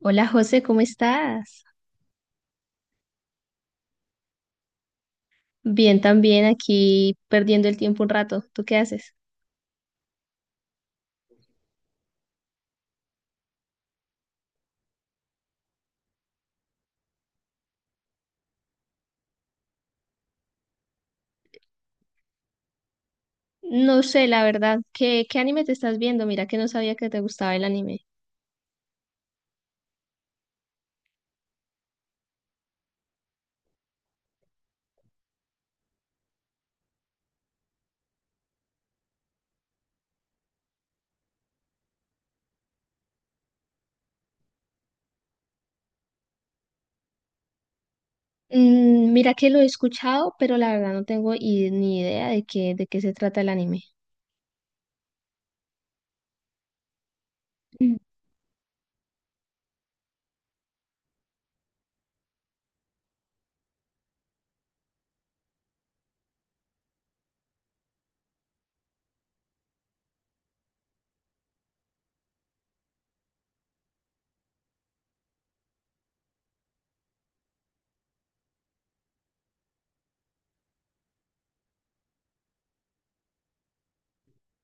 Hola José, ¿cómo estás? Bien, también aquí perdiendo el tiempo un rato. ¿Tú qué haces? No sé, la verdad, ¿qué anime te estás viendo? Mira que no sabía que te gustaba el anime. Mira que lo he escuchado, pero la verdad no tengo ni idea de qué se trata el anime. Mm.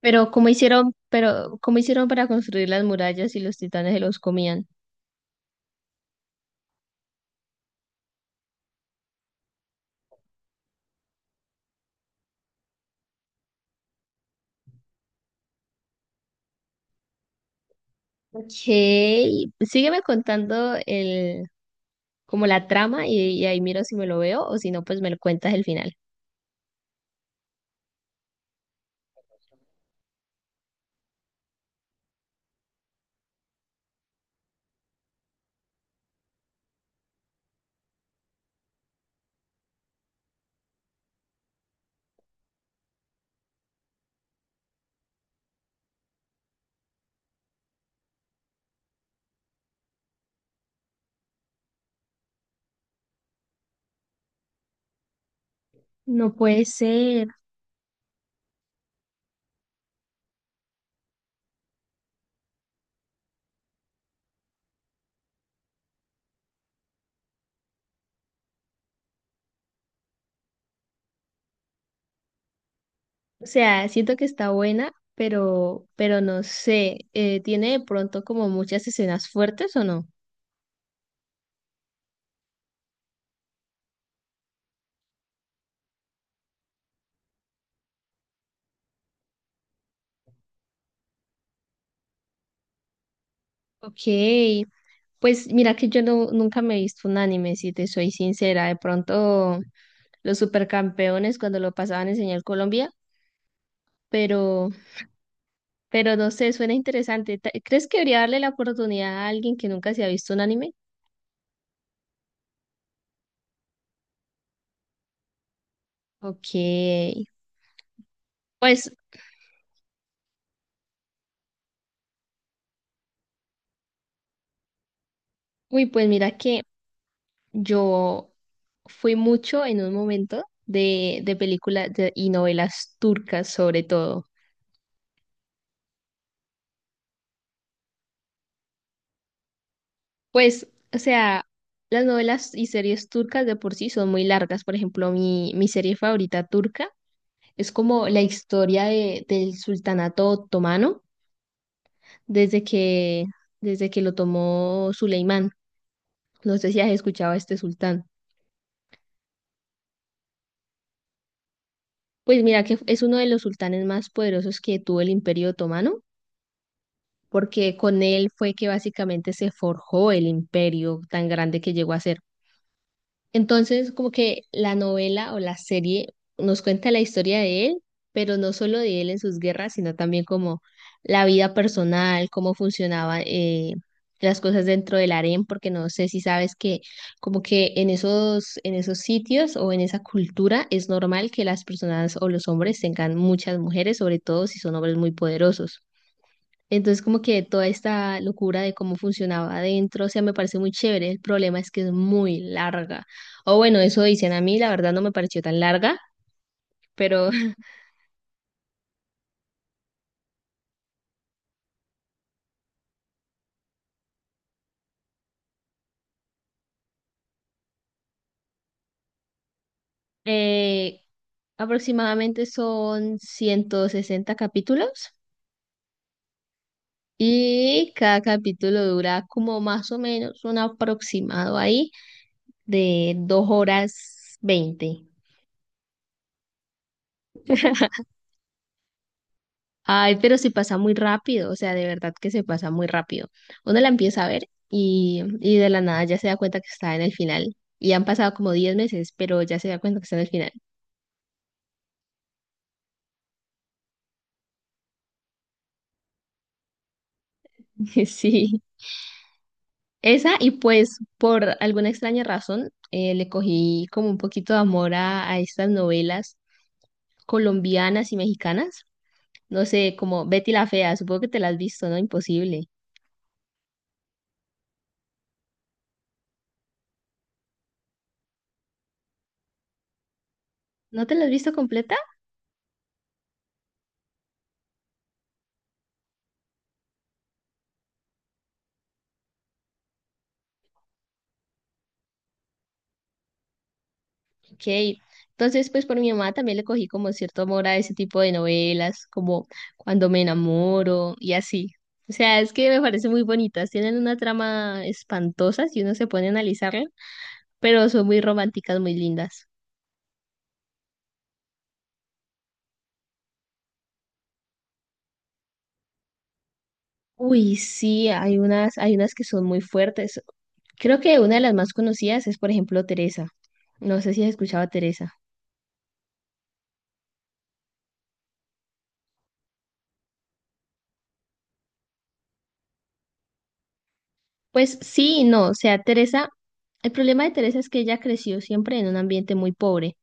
Pero, ¿cómo hicieron para construir las murallas y los titanes se los comían? Ok, sígueme contando como la trama y ahí miro si me lo veo o si no, pues me lo cuentas el final. No puede ser. O sea, siento que está buena, pero no sé, ¿tiene de pronto como muchas escenas fuertes o no? Ok, pues mira que yo no, nunca me he visto un anime, si te soy sincera, de pronto los supercampeones cuando lo pasaban en Señal Colombia, pero, pero no sé, suena interesante. ¿Crees que debería darle la oportunidad a alguien que nunca se ha visto un anime? Ok, pues, uy, pues mira que... Yo fui mucho en un momento de películas y novelas turcas sobre todo. Pues, o sea, las novelas y series turcas de por sí son muy largas. Por ejemplo, mi serie favorita turca es como la historia del sultanato otomano desde que, desde que lo tomó Suleimán. No sé si has escuchado a este sultán. Pues mira que es uno de los sultanes más poderosos que tuvo el Imperio Otomano porque con él fue que básicamente se forjó el imperio tan grande que llegó a ser. Entonces, como que la novela o la serie nos cuenta la historia de él, pero no solo de él en sus guerras, sino también como la vida personal, cómo funcionaban las cosas dentro del harén, porque no sé si sabes que como que en esos sitios o en esa cultura es normal que las personas o los hombres tengan muchas mujeres, sobre todo si son hombres muy poderosos. Entonces, como que toda esta locura de cómo funcionaba adentro, o sea, me parece muy chévere. El problema es que es muy larga. O bueno, eso dicen a mí, la verdad no me pareció tan larga, pero eh, aproximadamente son 160 capítulos y cada capítulo dura como más o menos un aproximado ahí de 2 horas 20. Ay, pero se pasa muy rápido, o sea, de verdad que se pasa muy rápido. Uno la empieza a ver y de la nada ya se da cuenta que está en el final. Y han pasado como 10 meses, pero ya se da cuenta que está en el final. Sí. Y pues por alguna extraña razón, le cogí como un poquito de amor a estas novelas colombianas y mexicanas. No sé, como Betty la Fea, supongo que te la has visto, ¿no? Imposible. ¿No te la has visto completa? Ok, entonces pues por mi mamá también le cogí como cierto amor a ese tipo de novelas, como Cuando me enamoro y así. O sea, es que me parecen muy bonitas, tienen una trama espantosa si uno se pone a analizarla, pero son muy románticas, muy lindas. Uy, sí, hay unas que son muy fuertes. Creo que una de las más conocidas es, por ejemplo, Teresa. No sé si has escuchado a Teresa. Pues sí y no, o sea, Teresa, el problema de Teresa es que ella creció siempre en un ambiente muy pobre,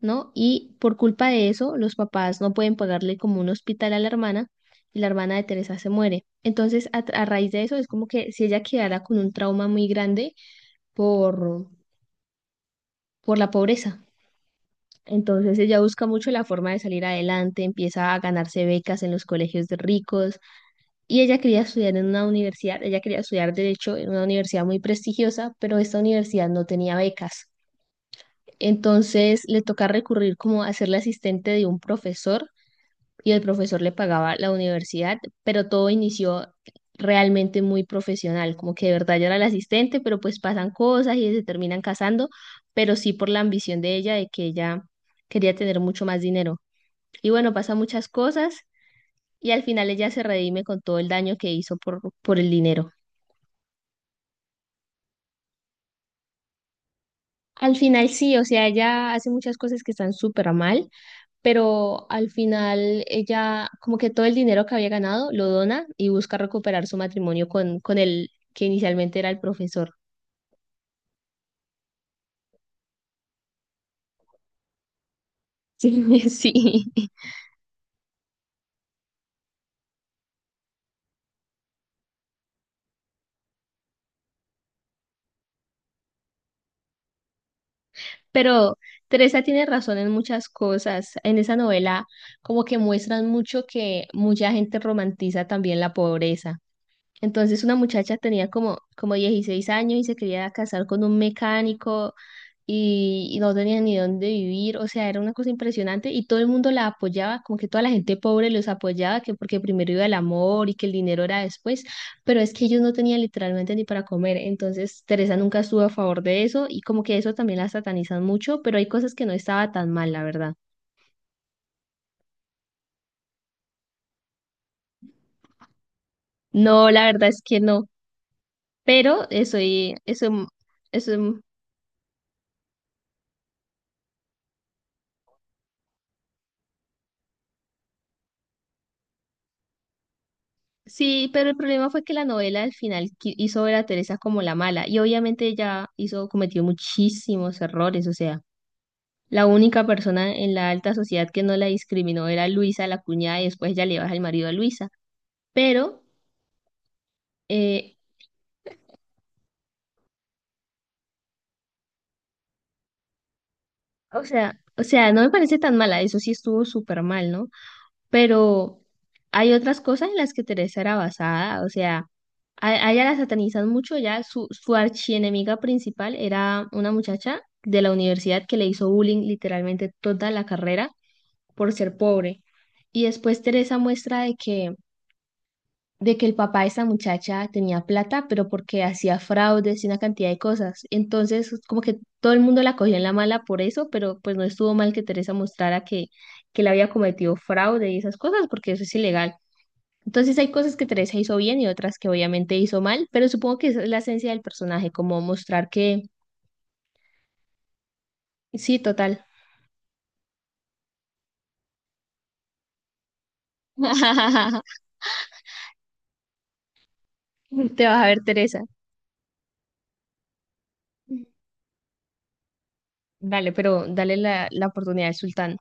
¿no? Y por culpa de eso, los papás no pueden pagarle como un hospital a la hermana y la hermana de Teresa se muere. Entonces, a raíz de eso, es como que si ella quedara con un trauma muy grande por, por la pobreza. Entonces ella busca mucho la forma de salir adelante, empieza a ganarse becas en los colegios de ricos y ella quería estudiar en una universidad, ella quería estudiar derecho en una universidad muy prestigiosa, pero esta universidad no tenía becas. Entonces le toca recurrir como a ser la asistente de un profesor y el profesor le pagaba la universidad, pero todo inició realmente muy profesional, como que de verdad yo era la asistente, pero pues pasan cosas y se terminan casando, pero sí por la ambición de ella, de que ella quería tener mucho más dinero. Y bueno, pasan muchas cosas y al final ella se redime con todo el daño que hizo por el dinero. Al final sí, o sea, ella hace muchas cosas que están súper mal, pero al final ella como que todo el dinero que había ganado lo dona y busca recuperar su matrimonio con el que inicialmente era el profesor. Sí, sí. Pero Teresa tiene razón en muchas cosas. En esa novela como que muestran mucho que mucha gente romantiza también la pobreza. Entonces una muchacha tenía como 16 años y se quería casar con un mecánico y no tenía ni dónde vivir, o sea, era una cosa impresionante y todo el mundo la apoyaba, como que toda la gente pobre los apoyaba, que porque primero iba el amor y que el dinero era después, pero es que ellos no tenían literalmente ni para comer, entonces Teresa nunca estuvo a favor de eso y como que eso también la satanizan mucho, pero hay cosas que no estaba tan mal, la verdad. No, la verdad es que no, pero eso, eso sí, pero el problema fue que la novela al final hizo ver a Teresa como la mala y obviamente ella hizo, cometió muchísimos errores, o sea, la única persona en la alta sociedad que no la discriminó era Luisa, la cuñada, y después ya le baja el marido a Luisa, pero, eh, o sea, no me parece tan mala, eso sí estuvo súper mal, ¿no? Pero hay otras cosas en las que Teresa era basada, o sea, a ella la satanizan mucho, ya su archienemiga principal era una muchacha de la universidad que le hizo bullying literalmente toda la carrera por ser pobre. Y después Teresa muestra de que el papá de esa muchacha tenía plata, pero porque hacía fraudes y una cantidad de cosas. Entonces, como que todo el mundo la cogió en la mala por eso, pero pues no estuvo mal que Teresa mostrara que le había cometido fraude y esas cosas, porque eso es ilegal. Entonces hay cosas que Teresa hizo bien y otras que obviamente hizo mal, pero supongo que esa es la esencia del personaje, como mostrar que sí, total. Te vas a ver, Teresa. Dale, pero dale la oportunidad al sultán.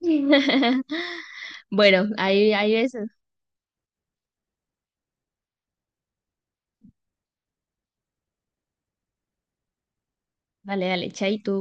Bueno, ahí ves. Dale, dale, chaito.